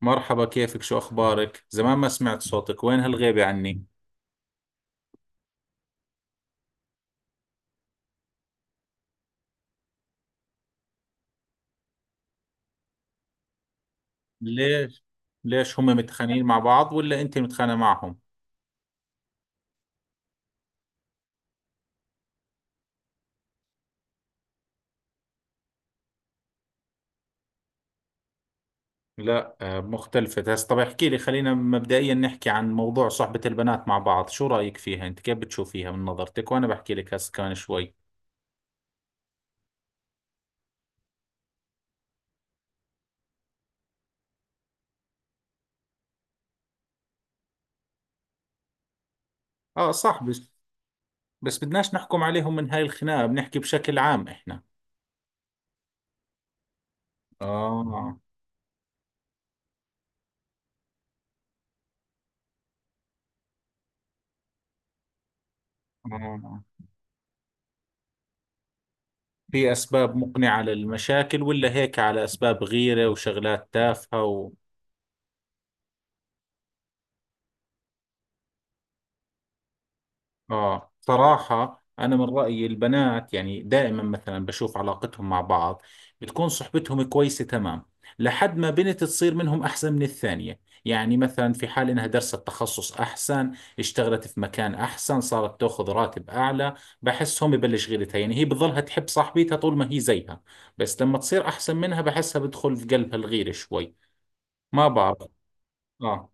مرحبا كيفك شو أخبارك؟ زمان ما سمعت صوتك وين هالغيبة عني؟ ليش؟ ليش هم متخانقين مع بعض ولا أنت متخانقة معهم؟ لا آه، مختلفة هسه طب احكي لي خلينا مبدئيا نحكي عن موضوع صحبة البنات مع بعض شو رأيك فيها؟ أنت كيف بتشوفيها من نظرتك؟ وأنا بحكي لك هسه كمان شوي. آه صح بس بدناش نحكم عليهم من هاي الخناقة بنحكي بشكل عام إحنا. آه آه في أسباب مقنعة للمشاكل ولا هيك على أسباب غيرة وشغلات تافهة؟ آه صراحة أنا من رأيي البنات يعني دائما مثلا بشوف علاقتهم مع بعض بتكون صحبتهم كويسة تمام لحد ما بنت تصير منهم أحسن من الثانية، يعني مثلا في حال إنها درست تخصص أحسن، اشتغلت في مكان أحسن، صارت تأخذ راتب أعلى بحسهم يبلش غيرتها، يعني هي بتظلها تحب صاحبتها طول ما هي زيها، بس لما تصير أحسن منها بحسها بدخل في قلبها الغيرة شوي، ما بعرف. آه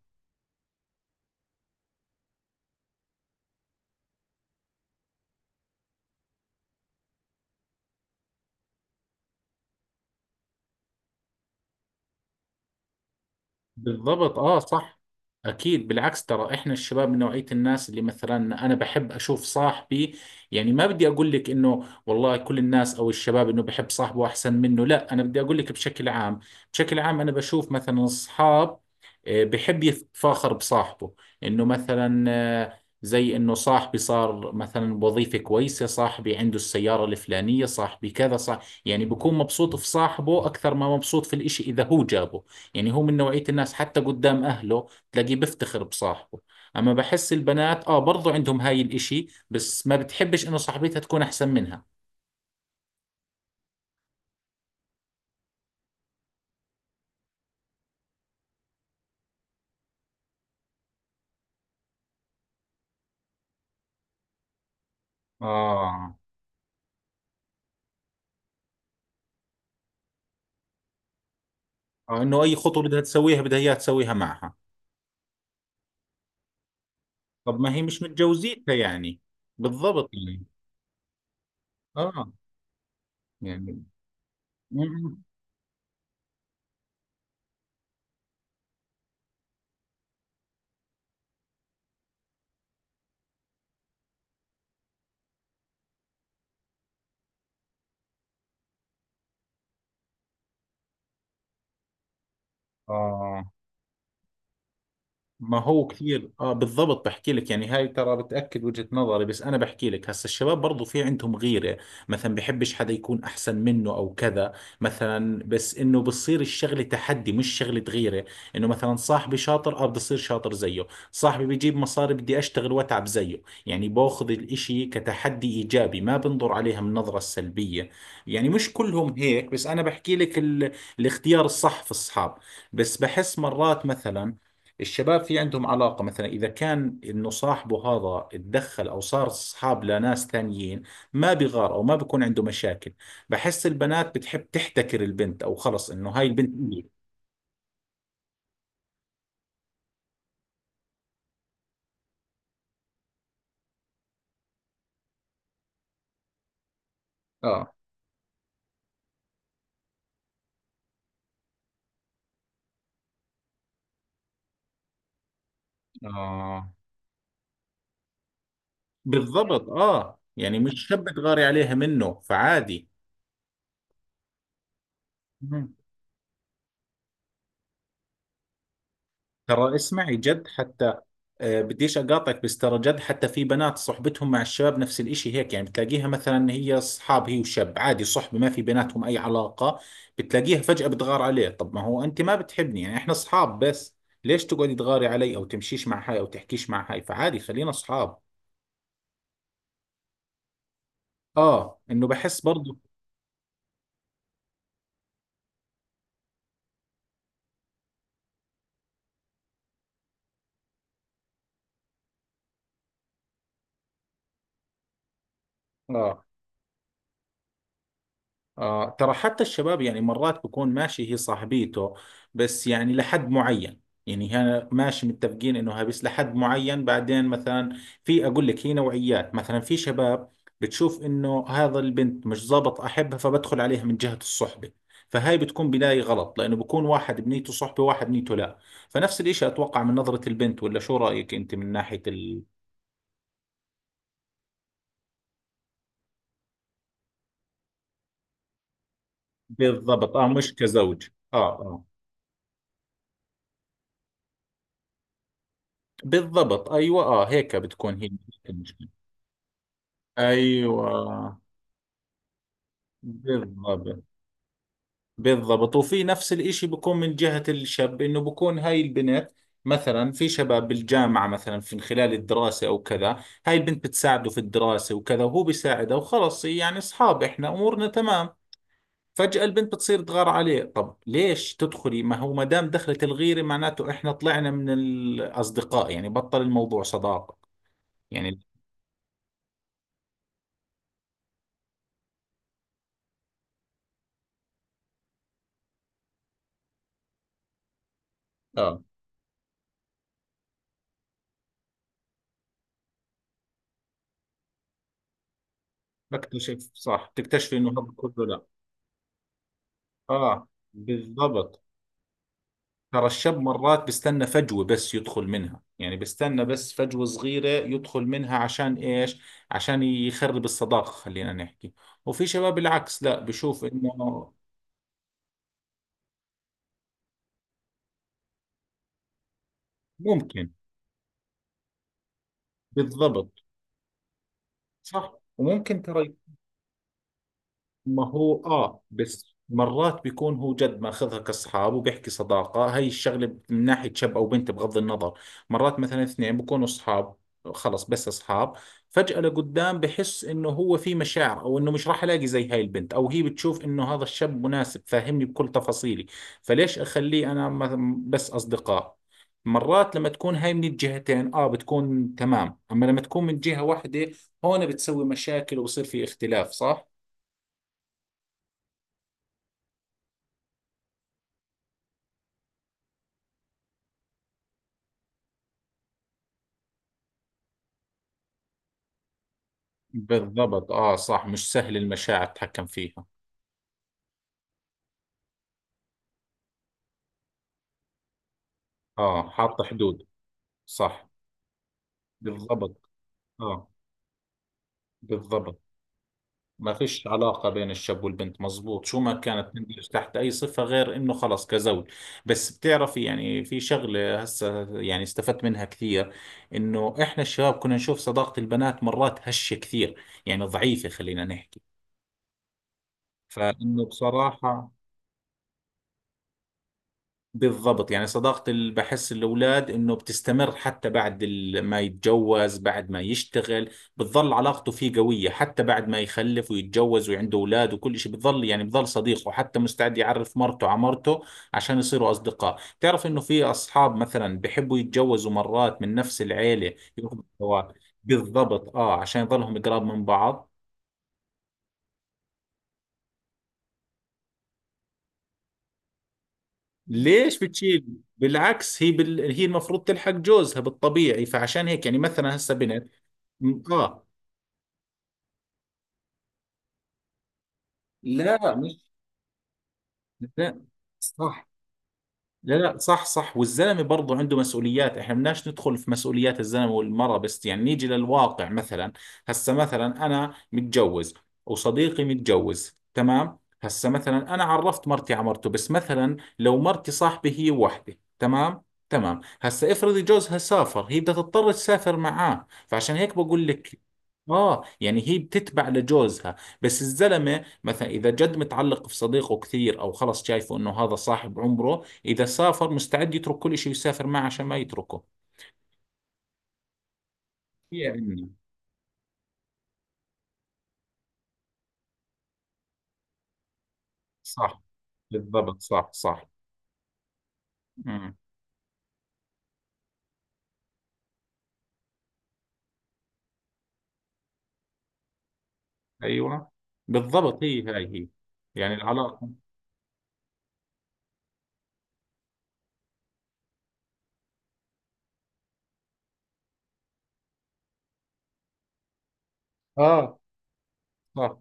بالضبط اه صح اكيد بالعكس، ترى احنا الشباب من نوعية الناس اللي مثلا انا بحب اشوف صاحبي، يعني ما بدي اقول لك انه والله كل الناس او الشباب انه بحب صاحبه احسن منه، لا انا بدي اقول لك بشكل عام. بشكل عام انا بشوف مثلا اصحاب، آه، بحب يتفاخر بصاحبه، انه مثلا آه، زي انه صاحبي صار مثلا بوظيفة كويسة، صاحبي عنده السيارة الفلانية، صاحبي كذا صاحبي، يعني بكون مبسوط في صاحبه اكثر ما مبسوط في الاشي اذا هو جابه، يعني هو من نوعية الناس حتى قدام أهله تلاقيه بيفتخر بصاحبه. أما بحس البنات آه برضو عندهم هاي الإشي بس ما بتحبش إنه صاحبتها تكون أحسن منها. اه آه إنه أي خطوة بدها تسويها بدها إياها تسويها معها. طب ما هي مش متجوزيتها يعني، بالضبط يعني. آه يعني م- م. اه ما هو كثير اه بالضبط، بحكي لك يعني هاي ترى بتأكد وجهة نظري، بس انا بحكي لك هسا الشباب برضو في عندهم غيرة، مثلا بحبش حدا يكون احسن منه او كذا مثلا، بس انه بصير الشغلة تحدي مش شغلة غيرة، انه مثلا صاحبي شاطر اه بدي اصير شاطر زيه، صاحبي بيجيب مصاري بدي اشتغل واتعب زيه، يعني باخذ الاشي كتحدي ايجابي، ما بنظر عليها من نظرة سلبية. يعني مش كلهم هيك بس انا بحكي لك الاختيار الصح في الصحاب. بس بحس مرات مثلا الشباب في عندهم علاقة، مثلا إذا كان إنه صاحبه هذا اتدخل أو صار أصحاب لناس ثانيين ما بيغار أو ما بيكون عنده مشاكل، بحس البنات بتحب تحتكر البنت، أو خلص إنه هاي البنت إلي. اه اه بالضبط، آه يعني مش شاب تغاري عليها منه فعادي. مم. ترى اسمعي جد حتى، آه، بديش اقاطعك، بس ترى جد حتى في بنات صحبتهم مع الشباب نفس الاشي هيك، يعني بتلاقيها مثلا هي اصحاب هي وشاب عادي صحبة ما في بيناتهم اي علاقة، بتلاقيها فجأة بتغار عليه. طب ما هو انت ما بتحبني، يعني احنا اصحاب بس، ليش تقعدي تغاري علي او تمشيش مع هاي او تحكيش مع هاي، فعادي خلينا اصحاب. اه انه بحس برضو. اه آه ترى حتى الشباب يعني مرات بكون ماشي هي صاحبيته بس يعني لحد معين، يعني هنا ماشي متفقين انه هابس لحد معين بعدين مثلا، في اقول لك هي نوعيات مثلا في شباب بتشوف انه هذا البنت مش ظابط احبها فبدخل عليها من جهة الصحبة، فهاي بتكون بداية غلط لانه بكون واحد بنيته صحبة واحد بنيته لا، فنفس الاشي اتوقع من نظرة البنت، ولا شو رأيك انت من ناحية ال... بالضبط اه مش كزوج. اه اه بالضبط ايوه اه هيك بتكون هي المشكلة. ايوه بالضبط. بالضبط وفي نفس الاشي بكون من جهة الشاب انه بكون هاي البنت، مثلا في شباب بالجامعة مثلا في خلال الدراسة او كذا، هاي البنت بتساعده في الدراسة وكذا وهو بيساعدها وخلص يعني اصحاب احنا امورنا تمام، فجأة البنت بتصير تغار عليه، طب ليش تدخلي ما هو ما دام دخلت الغيرة معناته احنا طلعنا من الاصدقاء، يعني بطل الموضوع صداقة. يعني اه بكتشف صح تكتشفي انه هذا كله لا. اه بالضبط، ترى الشاب مرات بيستنى فجوة بس يدخل منها، يعني بيستنى بس فجوة صغيرة يدخل منها عشان إيش؟ عشان يخرب الصداقة خلينا نحكي. وفي شباب العكس لا بشوف إنه ممكن. بالضبط صح وممكن ترى. ما هو اه بس مرات بيكون هو جد ماخذها كاصحاب وبيحكي صداقة، هاي الشغلة من ناحية شاب او بنت بغض النظر، مرات مثلا اثنين بيكونوا اصحاب خلص بس اصحاب، فجأة لقدام بحس انه هو في مشاعر او انه مش راح الاقي زي هاي البنت، او هي بتشوف انه هذا الشاب مناسب فاهمني بكل تفاصيلي، فليش اخليه انا بس اصدقاء. مرات لما تكون هاي من الجهتين اه بتكون تمام، اما لما تكون من جهة واحدة هون بتسوي مشاكل وبصير في اختلاف صح. بالضبط اه صح مش سهل المشاعر تتحكم فيها. اه حاطة حدود. صح. بالضبط اه بالضبط. ما فيش علاقة بين الشاب والبنت مزبوط شو ما كانت تندرج تحت أي صفة غير إنه خلص كزوج. بس بتعرفي يعني في شغلة هسه يعني استفدت منها كثير، إنه إحنا الشباب كنا نشوف صداقة البنات مرات هشة كثير، يعني ضعيفة خلينا نحكي، فإنه بصراحة. بالضبط، يعني صداقة اللي بحس الأولاد إنه بتستمر حتى بعد ما يتجوز بعد ما يشتغل، بتظل علاقته فيه قوية حتى بعد ما يخلف ويتجوز وعنده أولاد وكل شيء بتظل، يعني بظل صديقه حتى مستعد يعرف مرته على مرته عشان يصيروا أصدقاء، تعرف إنه في أصحاب مثلا بحبوا يتجوزوا مرات من نفس العيلة ياخذوا الزواج. بالضبط آه عشان يظلهم قراب من بعض. ليش بتشيل؟ بالعكس هي بال... هي المفروض تلحق جوزها بالطبيعي فعشان هيك يعني مثلا هسه بنت. م- اه لا مش لا صح. لا لا صح صح، والزلمه برضه عنده مسؤوليات احنا بدناش ندخل في مسؤوليات الزلمه والمراه، بس يعني نيجي للواقع مثلا هسه مثلا انا متجوز وصديقي متجوز تمام، هسه مثلا انا عرفت مرتي على مرته، بس مثلا لو مرتي صاحبي هي وحده تمام تمام، هسه افرضي جوزها سافر هي بدها تضطر تسافر معاه، فعشان هيك بقول لك اه يعني هي بتتبع لجوزها، بس الزلمه مثلا اذا جد متعلق في صديقه كثير او خلص شايفه انه هذا صاحب عمره، إذا سافر مستعد يترك كل شيء ويسافر معه عشان ما يتركه يعني. صح بالضبط صح صح. امم. أيوة بالضبط هي هاي هي، يعني العلاقة. اه صح.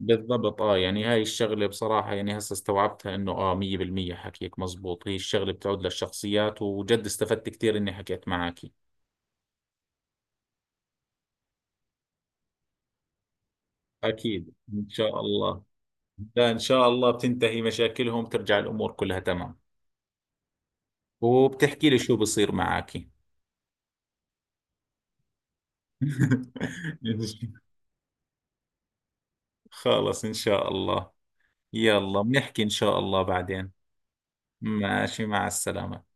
بالضبط اه، يعني هاي الشغلة بصراحة يعني هسه استوعبتها انه اه 100% حكيك مزبوط، هي الشغلة بتعود للشخصيات وجد استفدت كثير اني حكيت معك. اكيد ان شاء الله. لا ان شاء الله بتنتهي مشاكلهم ترجع الامور كلها تمام. وبتحكي لي شو بصير معك. خلص إن شاء الله. يلا بنحكي إن شاء الله بعدين. ماشي مع السلامة.